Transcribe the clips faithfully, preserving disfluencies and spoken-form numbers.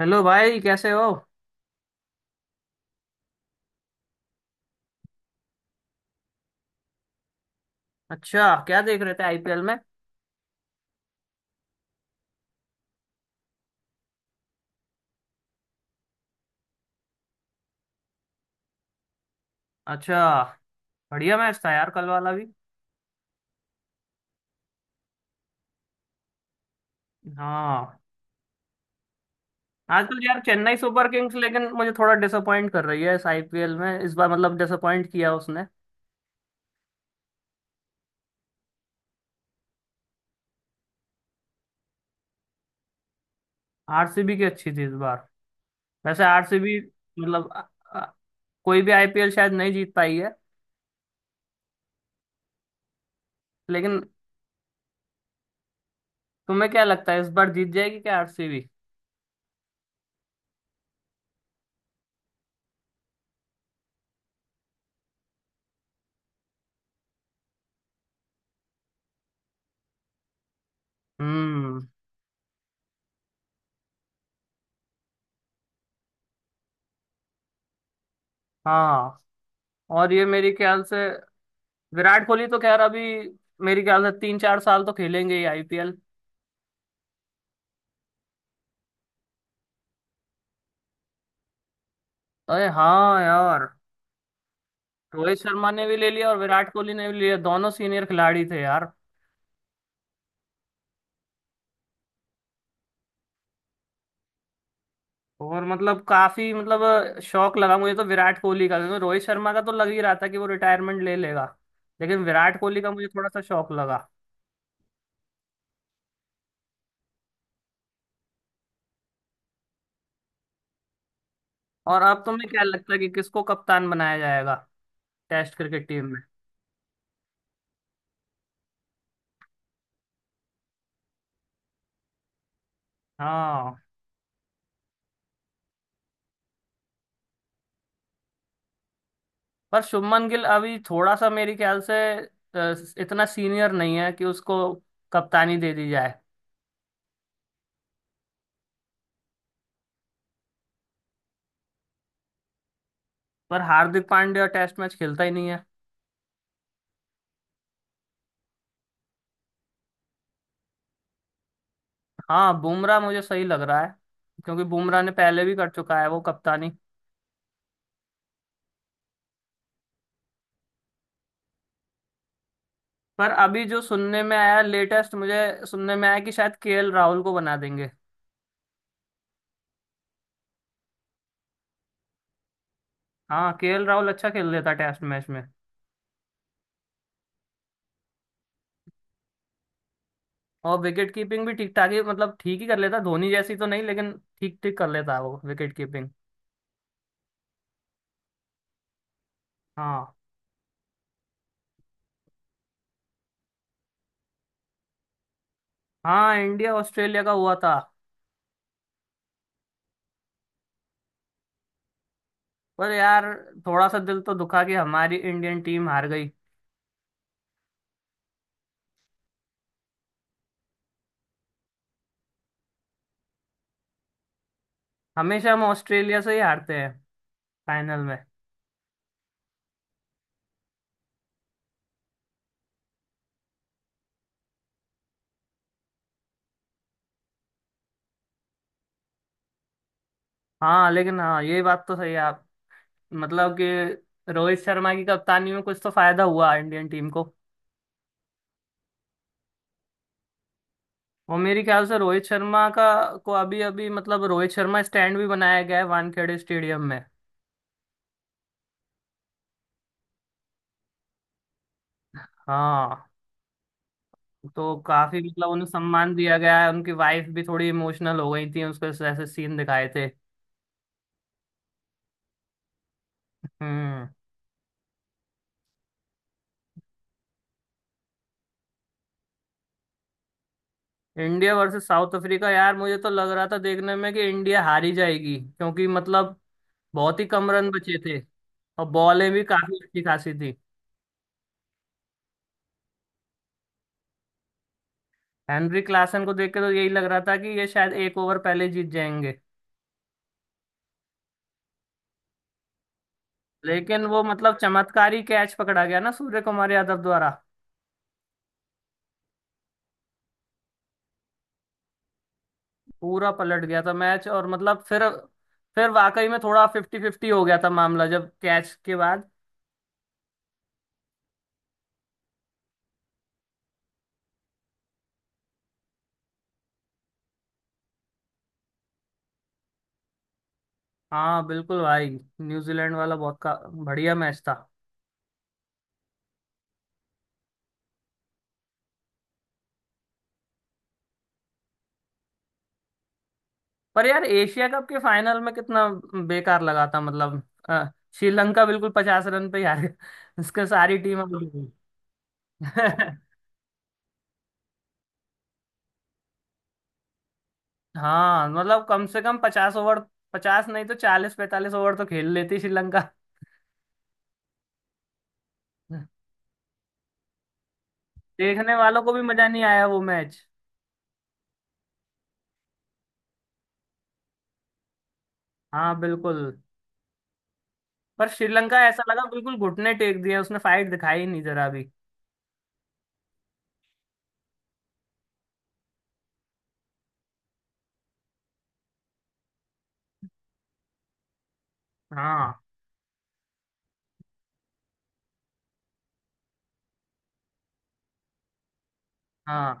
Hello भाई, कैसे हो। अच्छा, क्या देख रहे थे आईपीएल में। अच्छा। बढ़िया मैच था यार कल वाला भी। हाँ। आजकल यार चेन्नई सुपर किंग्स, लेकिन मुझे थोड़ा डिसअपॉइंट कर रही है इस आईपीएल में इस बार। मतलब डिसअपॉइंट किया उसने। आरसीबी की अच्छी थी इस बार। वैसे आरसीबी मतलब अ- अ- कोई भी आईपीएल शायद नहीं जीत पाई है, लेकिन। तुम्हें क्या लगता है इस बार जीत जाएगी क्या आरसीबी? हम्म। हाँ। और ये मेरे ख्याल से विराट कोहली तो खैर अभी, मेरे ख्याल से तीन चार साल तो खेलेंगे ही आईपीएल। अरे, हाँ यार। रोहित शर्मा ने भी ले लिया और विराट कोहली ने भी ले लिया, दोनों सीनियर खिलाड़ी थे यार। और मतलब काफी मतलब शौक लगा मुझे तो विराट कोहली का, क्योंकि रोहित शर्मा का तो लग ही रहा था कि वो रिटायरमेंट ले लेगा। लेकिन विराट कोहली का मुझे थोड़ा सा शौक लगा। और अब तुम्हें क्या लगता है कि किसको कप्तान बनाया जाएगा टेस्ट क्रिकेट टीम में? हाँ। पर शुभमन गिल अभी थोड़ा सा मेरे ख्याल से अ, इतना सीनियर नहीं है कि उसको कप्तानी दे दी जाए। पर हार्दिक पांड्या टेस्ट मैच खेलता ही नहीं है। हाँ, बुमराह मुझे सही लग रहा है, क्योंकि बुमराह ने पहले भी कर चुका है वो कप्तानी। पर अभी जो सुनने में आया लेटेस्ट, मुझे सुनने में आया कि शायद केएल राहुल को बना देंगे। हाँ, केएल राहुल अच्छा खेल लेता टेस्ट मैच में। और विकेट कीपिंग भी ठीक ठाक ही, मतलब ठीक ही कर लेता, धोनी जैसी तो नहीं, लेकिन ठीक ठीक कर लेता है वो विकेट कीपिंग। हाँ। हाँ, इंडिया ऑस्ट्रेलिया का हुआ था। पर यार थोड़ा सा दिल तो दुखा कि हमारी इंडियन टीम हार गई। हमेशा हम ऑस्ट्रेलिया से ही हारते हैं फाइनल में। हाँ, लेकिन हाँ ये बात तो सही है आप। मतलब कि रोहित शर्मा की कप्तानी में कुछ तो फायदा हुआ इंडियन टीम को। और मेरे ख्याल से रोहित शर्मा का, को अभी अभी मतलब रोहित शर्मा स्टैंड भी बनाया गया है वानखेड़े स्टेडियम में। हाँ। तो काफी मतलब उन्हें सम्मान दिया गया है, उनकी वाइफ भी थोड़ी इमोशनल हो गई थी, उसके ऐसे सीन दिखाए थे। हम्म। इंडिया वर्सेस साउथ अफ्रीका यार, मुझे तो लग रहा था देखने में कि इंडिया हारी जाएगी, क्योंकि मतलब बहुत ही कम रन बचे थे। और बॉलें भी काफी अच्छी खासी थी। हेनरी क्लासन को देख के तो यही लग रहा था कि ये शायद एक ओवर पहले जीत जाएंगे। लेकिन वो मतलब चमत्कारी कैच पकड़ा गया ना सूर्य कुमार यादव द्वारा। पूरा पलट गया था मैच, और मतलब फिर फिर वाकई में थोड़ा फिफ्टी फिफ्टी हो गया था मामला जब कैच के बाद। हाँ, बिल्कुल भाई। न्यूजीलैंड वाला बहुत का बढ़िया मैच था। पर यार एशिया कप के फाइनल में कितना बेकार लगा था, मतलब अ, श्रीलंका बिल्कुल पचास रन पे यार उसके सारी टीम आउट हो गई। हाँ, मतलब कम से कम पचास ओवर, पचास नहीं तो चालीस पैंतालीस ओवर तो खेल लेती श्रीलंका। देखने वालों को भी मजा नहीं आया वो मैच। हाँ, बिल्कुल। पर श्रीलंका ऐसा लगा बिल्कुल घुटने टेक दिए उसने, फाइट दिखाई नहीं जरा भी। हाँ। हाँ।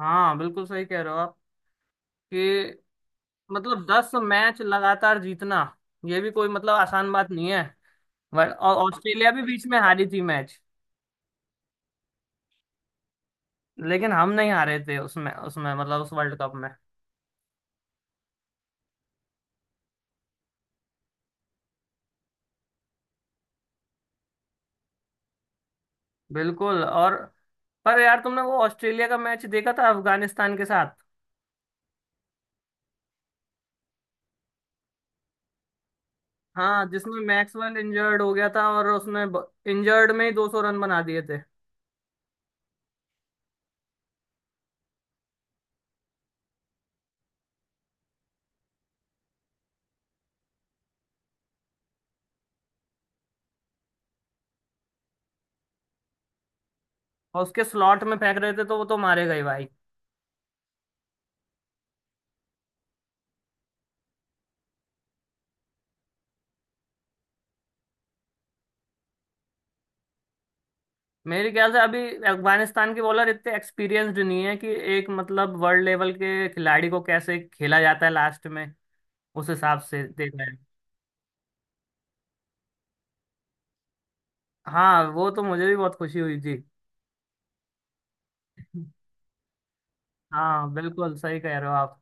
हाँ, बिल्कुल सही कह रहे हो आप कि, मतलब दस मैच लगातार जीतना ये भी कोई मतलब आसान बात नहीं है। वर- और ऑस्ट्रेलिया भी बीच में हारी थी मैच। लेकिन हम नहीं हारे थे उसमें उसमें मतलब उस वर्ल्ड कप में। बिल्कुल। और पर यार तुमने वो ऑस्ट्रेलिया का मैच देखा था अफगानिस्तान के साथ? हाँ, जिसमें मैक्सवेल इंजर्ड हो गया था और उसने इंजर्ड में ही दो सौ रन बना दिए थे। और उसके स्लॉट में फेंक रहे थे तो वो तो मारे गए भाई। मेरे ख्याल से अभी अफगानिस्तान के बॉलर इतने एक्सपीरियंस्ड नहीं है कि एक मतलब वर्ल्ड लेवल के खिलाड़ी को कैसे खेला जाता है लास्ट में, उस हिसाब से देख रहे हैं। हाँ, वो तो मुझे भी बहुत खुशी हुई जी। हाँ, बिल्कुल सही कह रहे हो आप।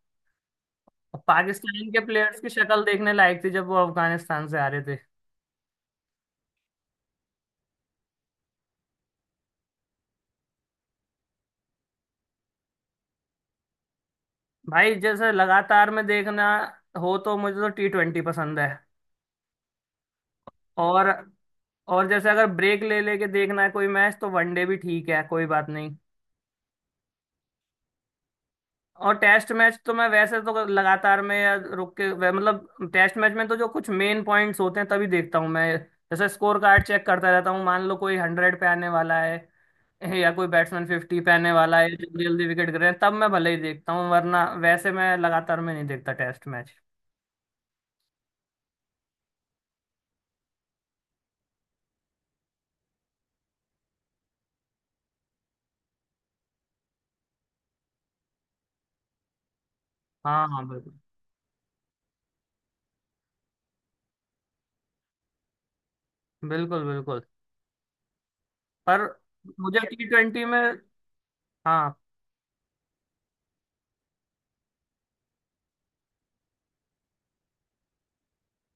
और पाकिस्तान के प्लेयर्स की शक्ल देखने लायक थी जब वो अफगानिस्तान से आ रहे थे। भाई जैसे लगातार में देखना हो तो मुझे तो टी ट्वेंटी पसंद है। और और जैसे अगर ब्रेक ले लेके देखना है कोई मैच तो वनडे भी ठीक है, कोई बात नहीं। और टेस्ट मैच तो मैं वैसे तो लगातार में या रुक के वै- मतलब टेस्ट मैच में तो जो कुछ मेन पॉइंट्स होते हैं तभी देखता हूँ मैं। जैसे स्कोर कार्ड चेक करता रहता हूँ, मान लो कोई हंड्रेड पे आने वाला है। या कोई बैट्समैन फिफ्टी पे आने वाला है, जल्दी जल्दी विकेट गिर रहे हैं, तब मैं भले ही देखता हूँ, वरना वैसे मैं लगातार में नहीं देखता टेस्ट मैच। हाँ, हाँ, बिल्कुल, बिल्कुल, बिल्कुल, पर मुझे टी ट्वेंटी में। हाँ,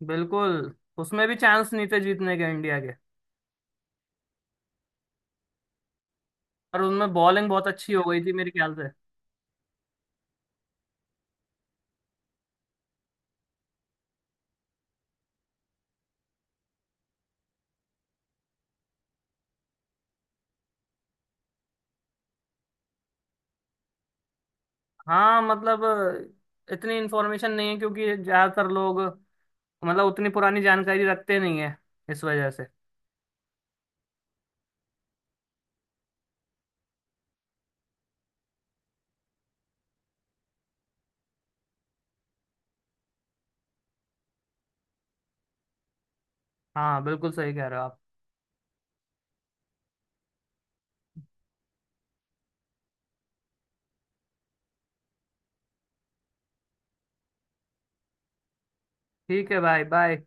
बिल्कुल। उसमें भी चांस नहीं थे जीतने के इंडिया के। और उनमें बॉलिंग बहुत अच्छी हो गई थी मेरे ख्याल से। हाँ, मतलब अ, इतनी इन्फॉर्मेशन नहीं है, क्योंकि ज़्यादातर लोग मतलब उतनी पुरानी जानकारी रखते नहीं है, इस वजह से। हाँ, बिल्कुल सही कह रहे हो आप। ठीक है भाई, बाय।